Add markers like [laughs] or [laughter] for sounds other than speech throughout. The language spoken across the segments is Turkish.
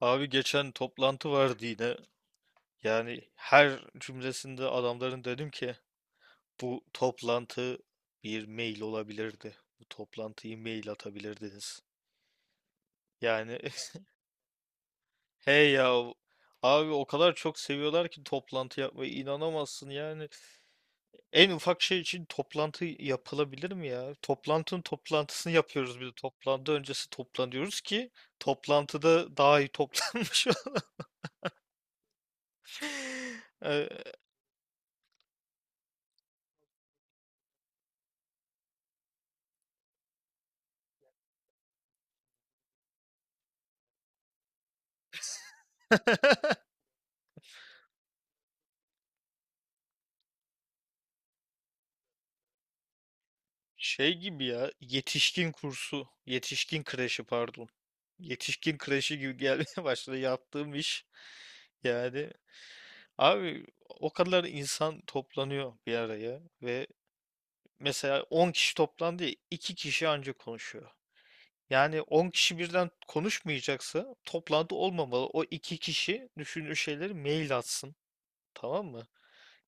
Abi geçen toplantı vardı yine. Yani her cümlesinde adamların dedim ki bu toplantı bir mail olabilirdi. Bu toplantıyı mail atabilirdiniz. Yani [laughs] hey ya abi o kadar çok seviyorlar ki toplantı yapmayı inanamazsın yani. En ufak şey için toplantı yapılabilir mi ya? Toplantının toplantısını yapıyoruz bir de toplantı öncesi toplanıyoruz ki toplantıda daha iyi toplanmış. [laughs] [laughs] Ee, [laughs] Şey gibi ya yetişkin kursu, yetişkin kreşi pardon. Yetişkin kreşi gibi gelmeye [laughs] başladı yaptığım iş. Yani abi o kadar insan toplanıyor bir araya ve mesela 10 kişi toplandı ya 2 kişi ancak konuşuyor. Yani 10 kişi birden konuşmayacaksa toplantı olmamalı. O 2 kişi düşündüğü şeyleri mail atsın. Tamam mı?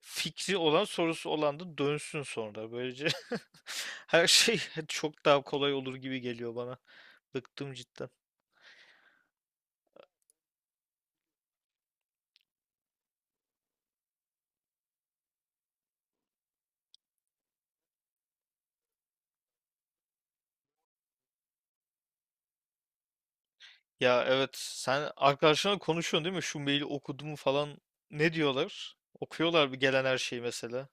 Fikri olan, sorusu olan da dönsün sonra. Böylece [laughs] her şey çok daha kolay olur gibi geliyor bana. Bıktım cidden. Ya evet, sen arkadaşlarla konuşuyorsun değil mi? Şu maili okudum falan. Ne diyorlar? Okuyorlar bir gelen her şeyi mesela.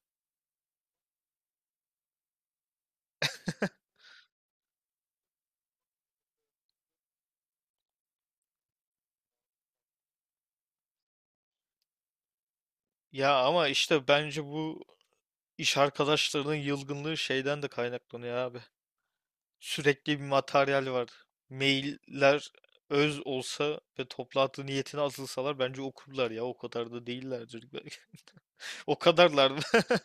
Ya ama işte bence bu iş arkadaşlarının yılgınlığı şeyden de kaynaklanıyor abi. Sürekli bir materyal var. Mailler öz olsa ve toplantı niyetine atılsalar bence okurlar ya. O kadar da değillerdir. [laughs] O kadarlar. [laughs]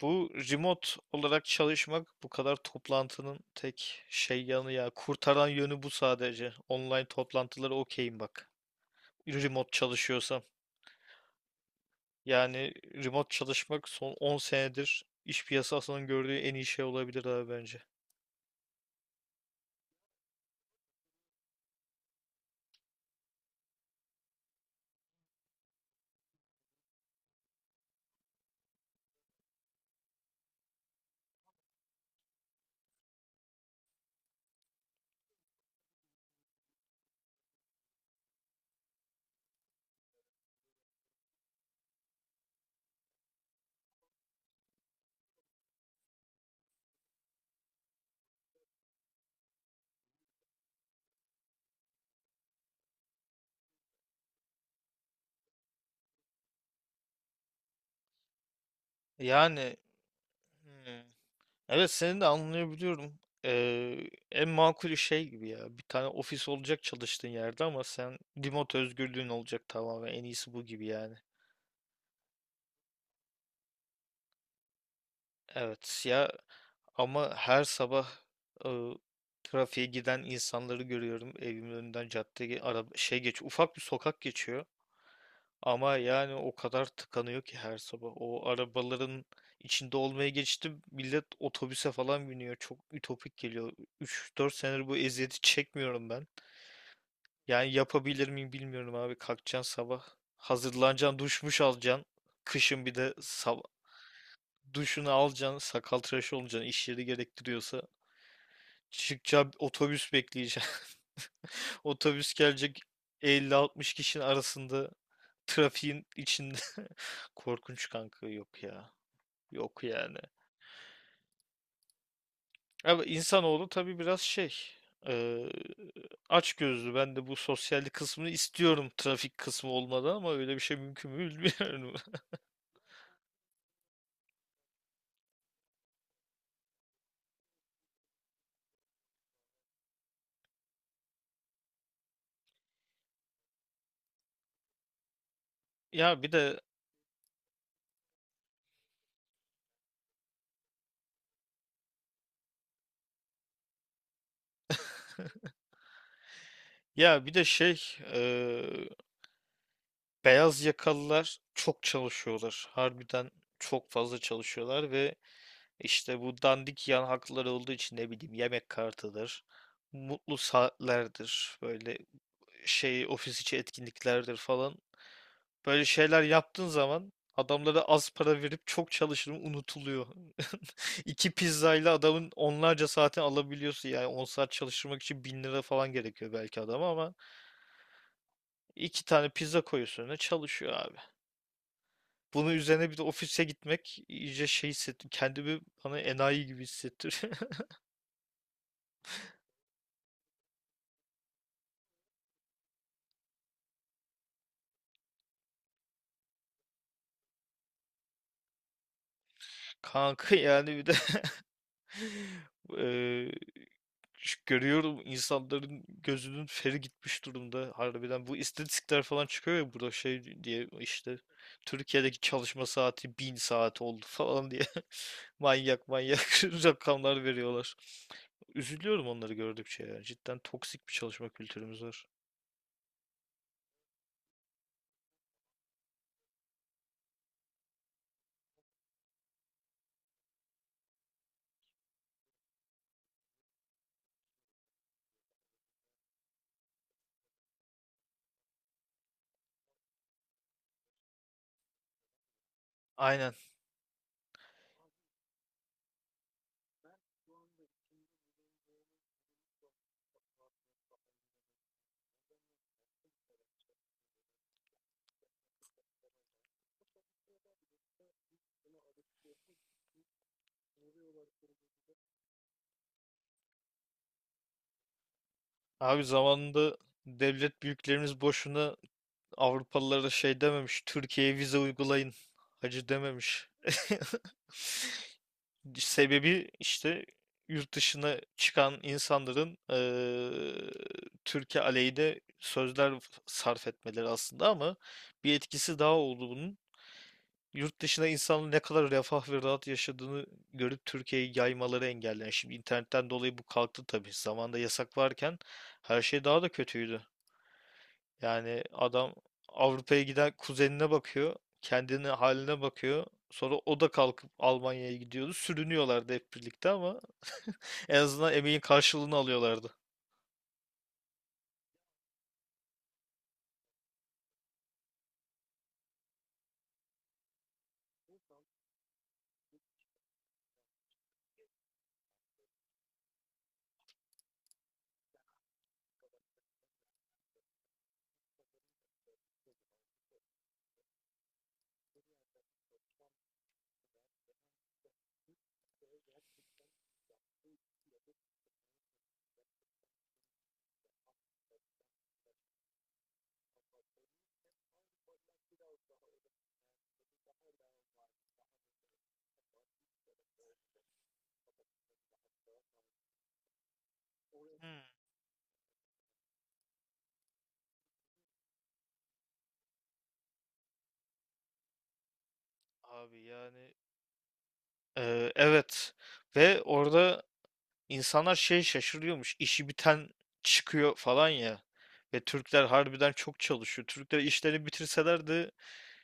Bu remote olarak çalışmak bu kadar toplantının tek şey yanı ya. Kurtaran yönü bu sadece. Online toplantıları okeyim bak. Remote çalışıyorsam. Yani remote çalışmak son 10 senedir iş piyasasının gördüğü en iyi şey olabilir abi bence. Yani hmm, evet seni de anlayabiliyorum. Ee, en makul şey gibi ya. Bir tane ofis olacak çalıştığın yerde ama sen remote özgürlüğün olacak tamamen. En iyisi bu gibi yani. Evet ya ama her sabah e, trafiğe giden insanları görüyorum. Evimin önünden caddeye araba şey geç ufak bir sokak geçiyor. Ama yani o kadar tıkanıyor ki her sabah. O arabaların içinde olmaya geçti. Millet otobüse falan biniyor. Çok ütopik geliyor. 3-4 senedir bu eziyeti çekmiyorum ben. Yani yapabilir miyim bilmiyorum abi. Kalkacaksın sabah. Hazırlanacaksın, duşmuş alacaksın. Kışın bir de duşunu alacaksın, sakal tıraşı olacaksın, iş yeri gerektiriyorsa. Çıkacaksın, otobüs bekleyeceksin. [laughs] Otobüs gelecek 50-60 kişinin arasında trafiğin içinde. [laughs] Korkunç kanka yok ya. Yok yani. Ama insanoğlu tabii biraz şey. eee açgözlü. Ben de bu sosyallik kısmını istiyorum trafik kısmı olmadan ama öyle bir şey mümkün mü bilmiyorum. [laughs] Ya bir de ya bir de şey eee, beyaz yakalılar çok çalışıyorlar. Harbiden çok fazla çalışıyorlar ve işte bu dandik yan hakları olduğu için ne bileyim yemek kartıdır, mutlu saatlerdir, böyle şey ofis içi etkinliklerdir falan. Böyle şeyler yaptığın zaman adamlara az para verip çok çalışırım unutuluyor. [laughs] İki pizzayla adamın onlarca saatini alabiliyorsun yani 10 saat çalıştırmak için 1.000 lira falan gerekiyor belki adama ama iki tane pizza koyuyorsun önüne çalışıyor abi. Bunun üzerine bir de ofise gitmek iyice şey hissettim. Kendimi bana enayi gibi hissettiriyor. [laughs] Kanka yani bir de [laughs] eee, görüyorum insanların gözünün feri gitmiş durumda. Harbiden bu istatistikler falan çıkıyor ya burada şey diye işte Türkiye'deki çalışma saati 1.000 saat oldu falan diye [laughs] manyak manyak [laughs] rakamlar veriyorlar. Üzülüyorum onları gördükçe ya. Cidden toksik bir çalışma kültürümüz var. Aynen. Abi zamanında devlet büyüklerimiz boşuna Avrupalılara şey dememiş. Türkiye'ye vize uygulayın. Hacı dememiş. [laughs] Sebebi işte yurt dışına çıkan insanların Türkiye aleyhine sözler sarf etmeleri aslında ama bir etkisi daha oldu bunun. Yurt dışına insanın ne kadar refah ve rahat yaşadığını görüp Türkiye'yi yaymaları engelleyen. Şimdi internetten dolayı bu kalktı tabii. Zamanında yasak varken her şey daha da kötüydü. Yani adam Avrupa'ya giden kuzenine bakıyor. Kendine haline bakıyor. Sonra o da kalkıp Almanya'ya gidiyordu. Sürünüyorlardı hep birlikte ama [laughs] en azından emeğin karşılığını alıyorlardı. Hmm, abi yani evet ve orada insanlar şey şaşırıyormuş işi biten çıkıyor falan ya ve Türkler harbiden çok çalışıyor. Türkler işlerini bitirseler de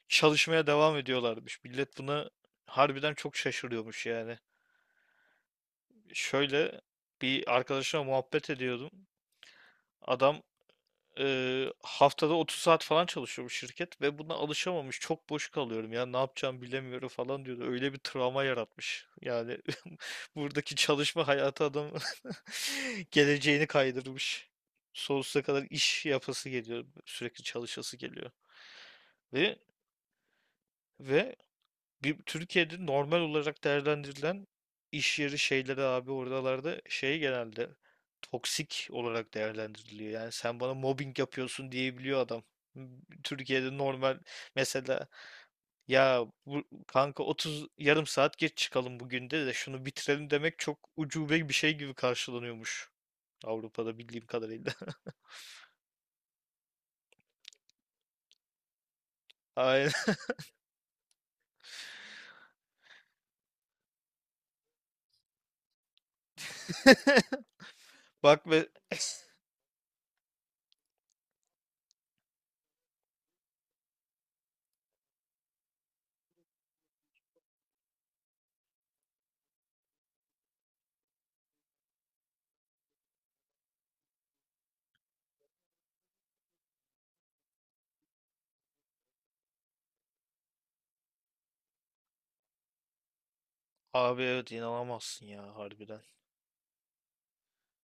çalışmaya devam ediyorlarmış. Millet buna harbiden çok şaşırıyormuş yani. Şöyle bir arkadaşımla muhabbet ediyordum. Adam haftada 30 saat falan çalışıyor bu şirket ve buna alışamamış. Çok boş kalıyorum ya ne yapacağımı bilemiyorum falan diyordu. Öyle bir travma yaratmış. Yani [laughs] buradaki çalışma hayatı adam [laughs] geleceğini kaydırmış. Sonsuza kadar iş yapası geliyor. Sürekli çalışası geliyor. Ve ve bir, Türkiye'de normal olarak değerlendirilen iş yeri şeyleri abi oralarda şey genelde toksik olarak değerlendiriliyor. Yani sen bana mobbing yapıyorsun diyebiliyor adam. Türkiye'de normal mesela ya bu, kanka 30 yarım saat geç çıkalım bugün de şunu bitirelim demek çok ucube bir şey gibi karşılanıyormuş. Avrupa'da bildiğim kadarıyla. [laughs] Aynen. [laughs] Bak ve abi evet inanamazsın ya harbiden.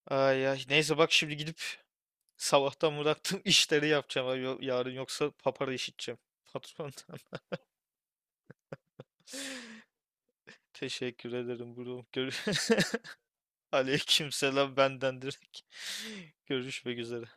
Ay ay neyse bak şimdi gidip sabahtan bıraktım [laughs] işleri yapacağım abi. Yarın yoksa papara işiteceğim patrondan. [laughs] Teşekkür ederim bro. [laughs] Aleykümselam benden direkt. [laughs] Görüşmek üzere.